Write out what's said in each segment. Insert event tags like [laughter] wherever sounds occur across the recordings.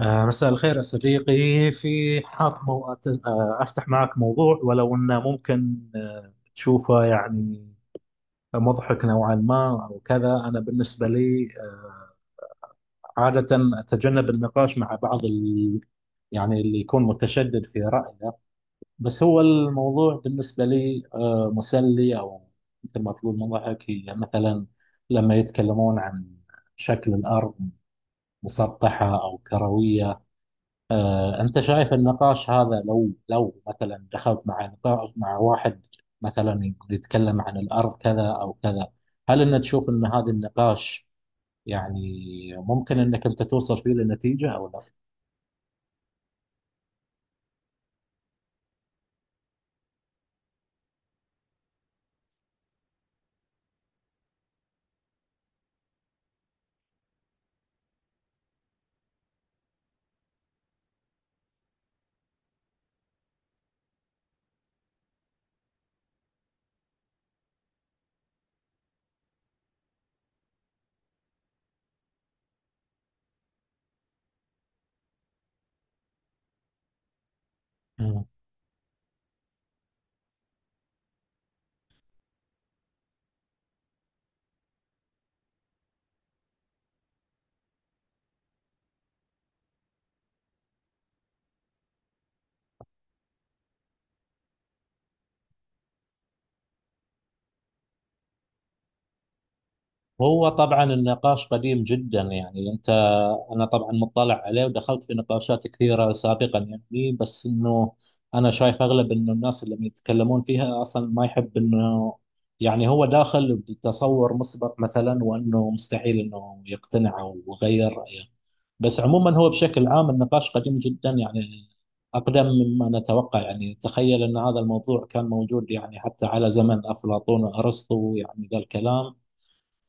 مساء الخير يا صديقي. في حاب مو... أت- آه، أفتح معك موضوع، ولو أنه ممكن تشوفه، يعني مضحك نوعا ما أو كذا. أنا بالنسبة لي عادة أتجنب النقاش مع بعض يعني اللي يكون متشدد في رأيه. بس هو الموضوع بالنسبة لي مسلي، أو مثل ما تقول مضحك، هي مثلا لما يتكلمون عن شكل الأرض، مسطحة أو كروية. أنت شايف النقاش هذا، لو مثلا دخلت مع نقاش مع واحد مثلا يتكلم عن الأرض كذا أو كذا، هل أنت تشوف أن هذا النقاش يعني ممكن أنك أنت توصل فيه لنتيجة أو لا؟ هو طبعا النقاش قديم جدا، يعني انت، انا طبعا مطلع عليه ودخلت في نقاشات كثيره سابقا، يعني بس انه انا شايف اغلب، انه الناس اللي يتكلمون فيها اصلا ما يحب، انه يعني هو داخل بتصور مسبق مثلا، وانه مستحيل انه يقتنع او يغير رايه. بس عموما هو بشكل عام النقاش قديم جدا، يعني اقدم مما نتوقع. يعني تخيل ان هذا الموضوع كان موجود يعني حتى على زمن افلاطون وارسطو، يعني ذا الكلام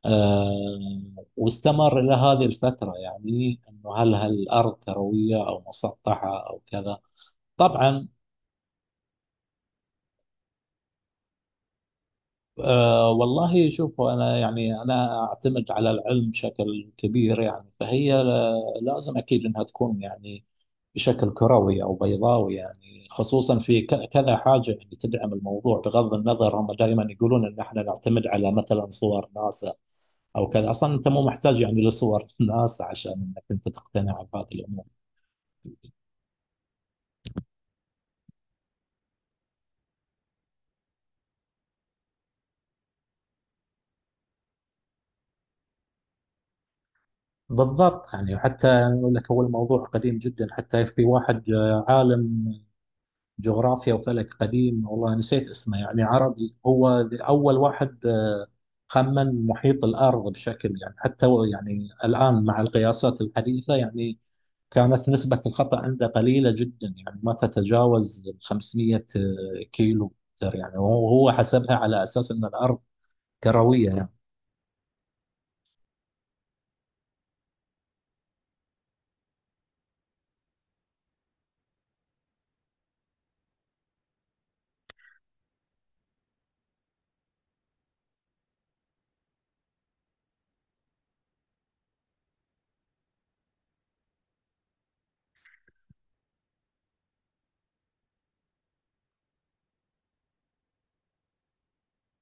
آه واستمر إلى هذه الفترة، يعني أنه هل الأرض كروية أو مسطحة أو كذا. طبعا والله شوف، أنا يعني أنا أعتمد على العلم بشكل كبير، يعني فهي لازم أكيد أنها تكون يعني بشكل كروي أو بيضاوي، يعني خصوصا في كذا حاجة يعني تدعم الموضوع، بغض النظر. هم دائما يقولون أن احنا نعتمد على مثلا صور ناسا أو كذا. أصلا أنت مو محتاج يعني لصور [laughs] ناسا عشان أنك أنت تقتنع بهذه الأمور. بالضبط، يعني وحتى أقول لك هو الموضوع قديم جدا. حتى في واحد عالم جغرافيا وفلك قديم، والله نسيت اسمه، يعني عربي، هو أول واحد خمن محيط الأرض، بشكل يعني حتى هو يعني الآن مع القياسات الحديثة يعني كانت نسبة الخطأ عنده قليلة جدا، يعني ما تتجاوز 500 كيلو متر، يعني. وهو حسبها على أساس أن الأرض كروية يعني.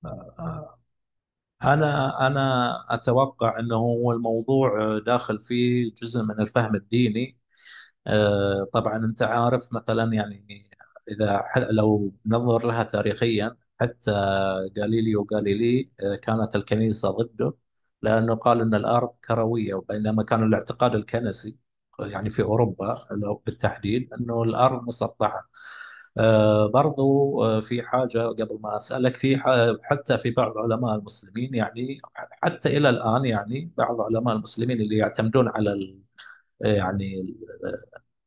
آه، آه، أنا أتوقع أنه هو الموضوع داخل فيه جزء من الفهم الديني. طبعا أنت عارف مثلا، يعني إذا لو ننظر لها تاريخيا، حتى غاليليو غاليلي كانت الكنيسة ضده لأنه قال أن الأرض كروية، بينما كان الاعتقاد الكنسي يعني في أوروبا بالتحديد أنه الأرض مسطحة. برضو في حاجة قبل ما أسألك في حتى في بعض علماء المسلمين، يعني حتى إلى الآن يعني بعض علماء المسلمين اللي يعتمدون على يعني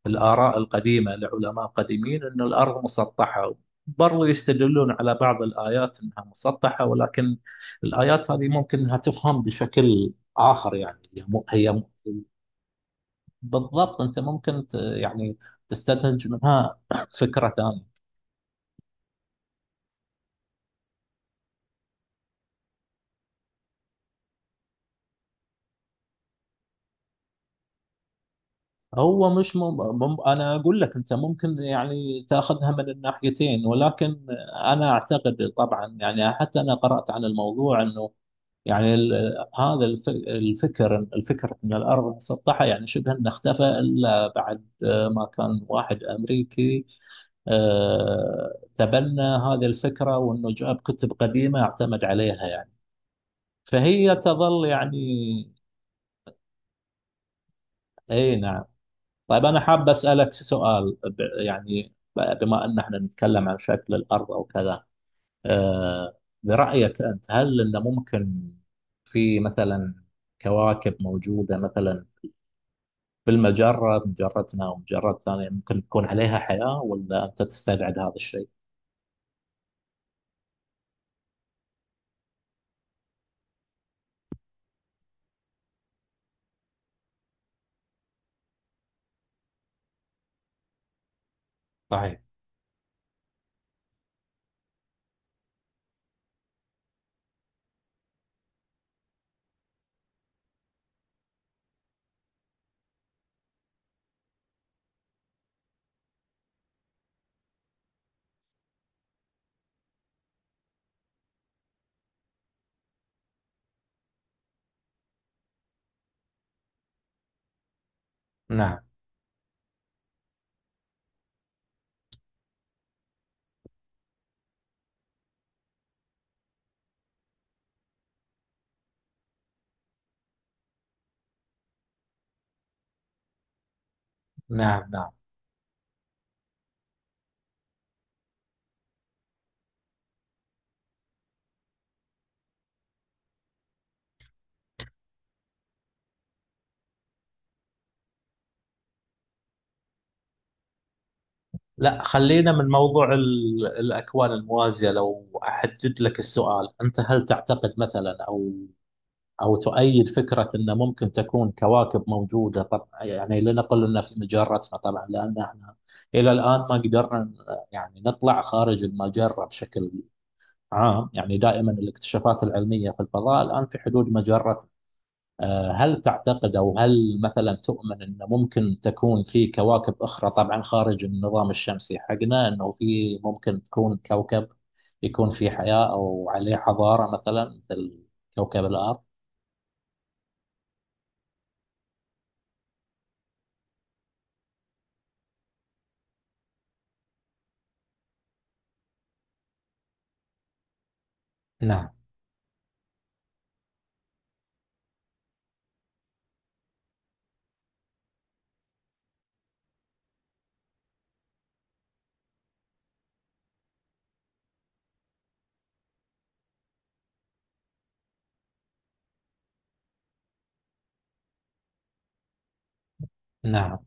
الآراء القديمة لعلماء قديمين أن الأرض مسطحة. برضو يستدلون على بعض الآيات أنها مسطحة، ولكن الآيات هذه ممكن أنها تفهم بشكل آخر، يعني بالضبط أنت ممكن يعني تستنتج منها [laughs] فكرة ثانية. هو مش انا اقول لك، انت ممكن يعني تاخذها من الناحيتين، ولكن انا اعتقد طبعا يعني، حتى انا قرات عن الموضوع، انه يعني هذا الفكر ان الارض مسطحه، يعني شبه انه اختفى الا بعد ما كان واحد امريكي تبنى هذه الفكره، وانه جاب كتب قديمه اعتمد عليها يعني. فهي تظل يعني. اي نعم. طيب أنا حاب أسألك سؤال بما أن احنا نتكلم عن شكل الأرض أو كذا، آه، برأيك أنت، هل أنه ممكن في مثلا كواكب موجودة مثلا في المجرة، مجرتنا ومجرات ثانية، ممكن تكون عليها حياة، ولا أنت تستبعد هذا الشيء؟ صحيح. نعم، نعم، نعم. لا، خلينا من موضوع الأكوان الموازية. لو أحدد لك السؤال، أنت هل تعتقد مثلا، أو تؤيد فكرة أن ممكن تكون كواكب موجودة، طبعا يعني لنقل أن في مجرتنا، طبعا لأن احنا إلى الآن ما قدرنا يعني نطلع خارج المجرة بشكل عام، يعني دائما الاكتشافات العلمية في الفضاء الآن في حدود مجرة. هل تعتقد، أو هل مثلا تؤمن أن ممكن تكون في كواكب أخرى، طبعا خارج النظام الشمسي حقنا، أنه في ممكن تكون كوكب يكون في حياة أو عليه حضارة، مثلا مثل كوكب الأرض؟ نعم، نعم،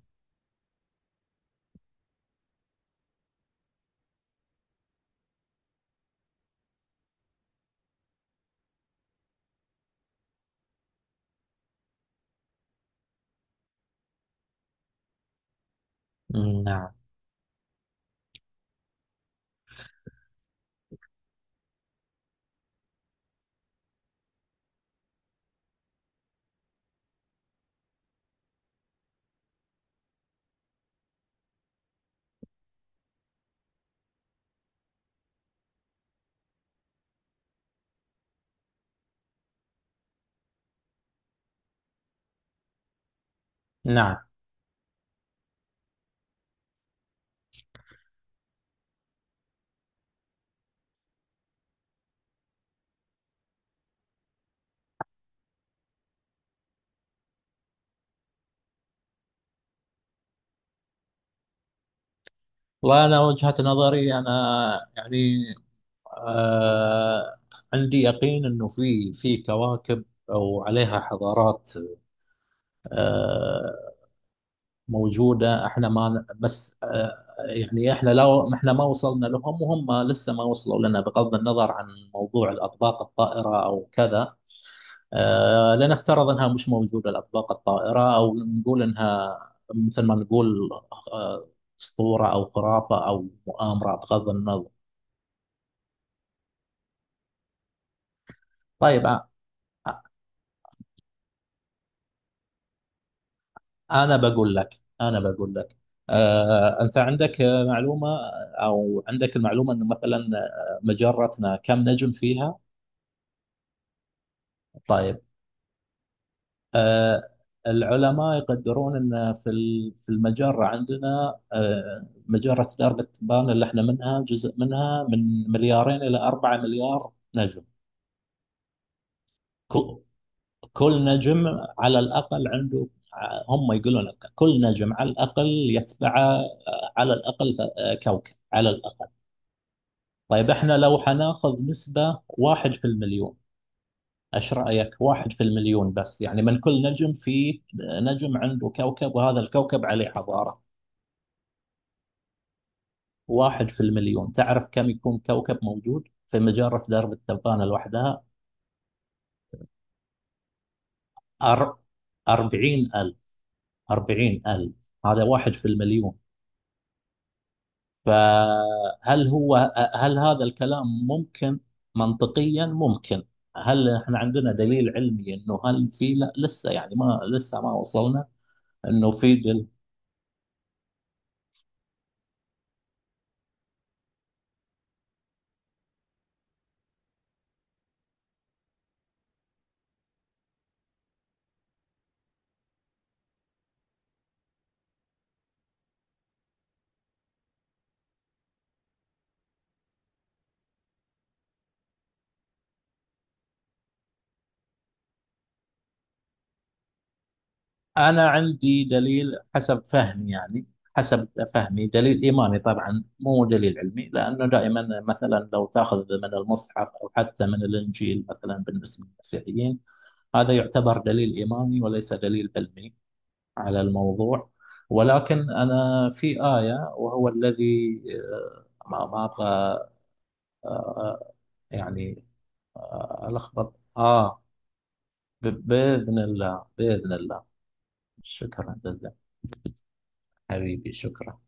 نعم، نعم. وأنا وجهة نظري، أنا يعني آه عندي يقين أنه في كواكب أو عليها حضارات آه موجودة، احنا ما، بس يعني احنا، لو ما وصلنا لهم وهم لسه ما وصلوا لنا، بغض النظر عن موضوع الأطباق الطائرة أو كذا. لنفترض انها مش موجوده الاطباق الطائره، او نقول انها مثل ما نقول آه، اسطوره، او خرافه، او مؤامره، بغض النظر. طيب انا بقول لك، انت عندك معلومه، او عندك المعلومه انه مثلا مجرتنا كم نجم فيها؟ طيب. آه، العلماء يقدرون ان في في المجره عندنا مجره درب التبانه اللي احنا منها، جزء منها، من 2 الى 4 مليار نجم. ك- كل نجم على الاقل هم يقولون لك كل نجم على الاقل يتبعه على الاقل كوكب على الاقل. طيب احنا لو حناخذ نسبه واحد في المليون، ايش رايك واحد في المليون بس، يعني من كل نجم في نجم عنده كوكب، وهذا الكوكب عليه حضاره. واحد في المليون، تعرف كم يكون كوكب موجود في مجرة درب التبانة لوحدها؟ أر... أربعين ألف أربعين ألف. هذا واحد في المليون. فهل هو هل هذا الكلام ممكن، منطقيا ممكن؟ هل احنا عندنا دليل علمي انه هل في؟ لا، لسه ما ما وصلنا، انه في. أنا عندي دليل حسب فهمي دليل إيماني، طبعا مو دليل علمي، لأنه دائما مثلا لو تأخذ من المصحف أو حتى من الإنجيل، مثلا بالنسبة للمسيحيين، هذا يعتبر دليل إيماني وليس دليل علمي على الموضوع. ولكن أنا في آية، وهو الذي ما أبغى آه، يعني ألخبط بإذن الله. شكرا جزيلا. حبيبي، شكرا.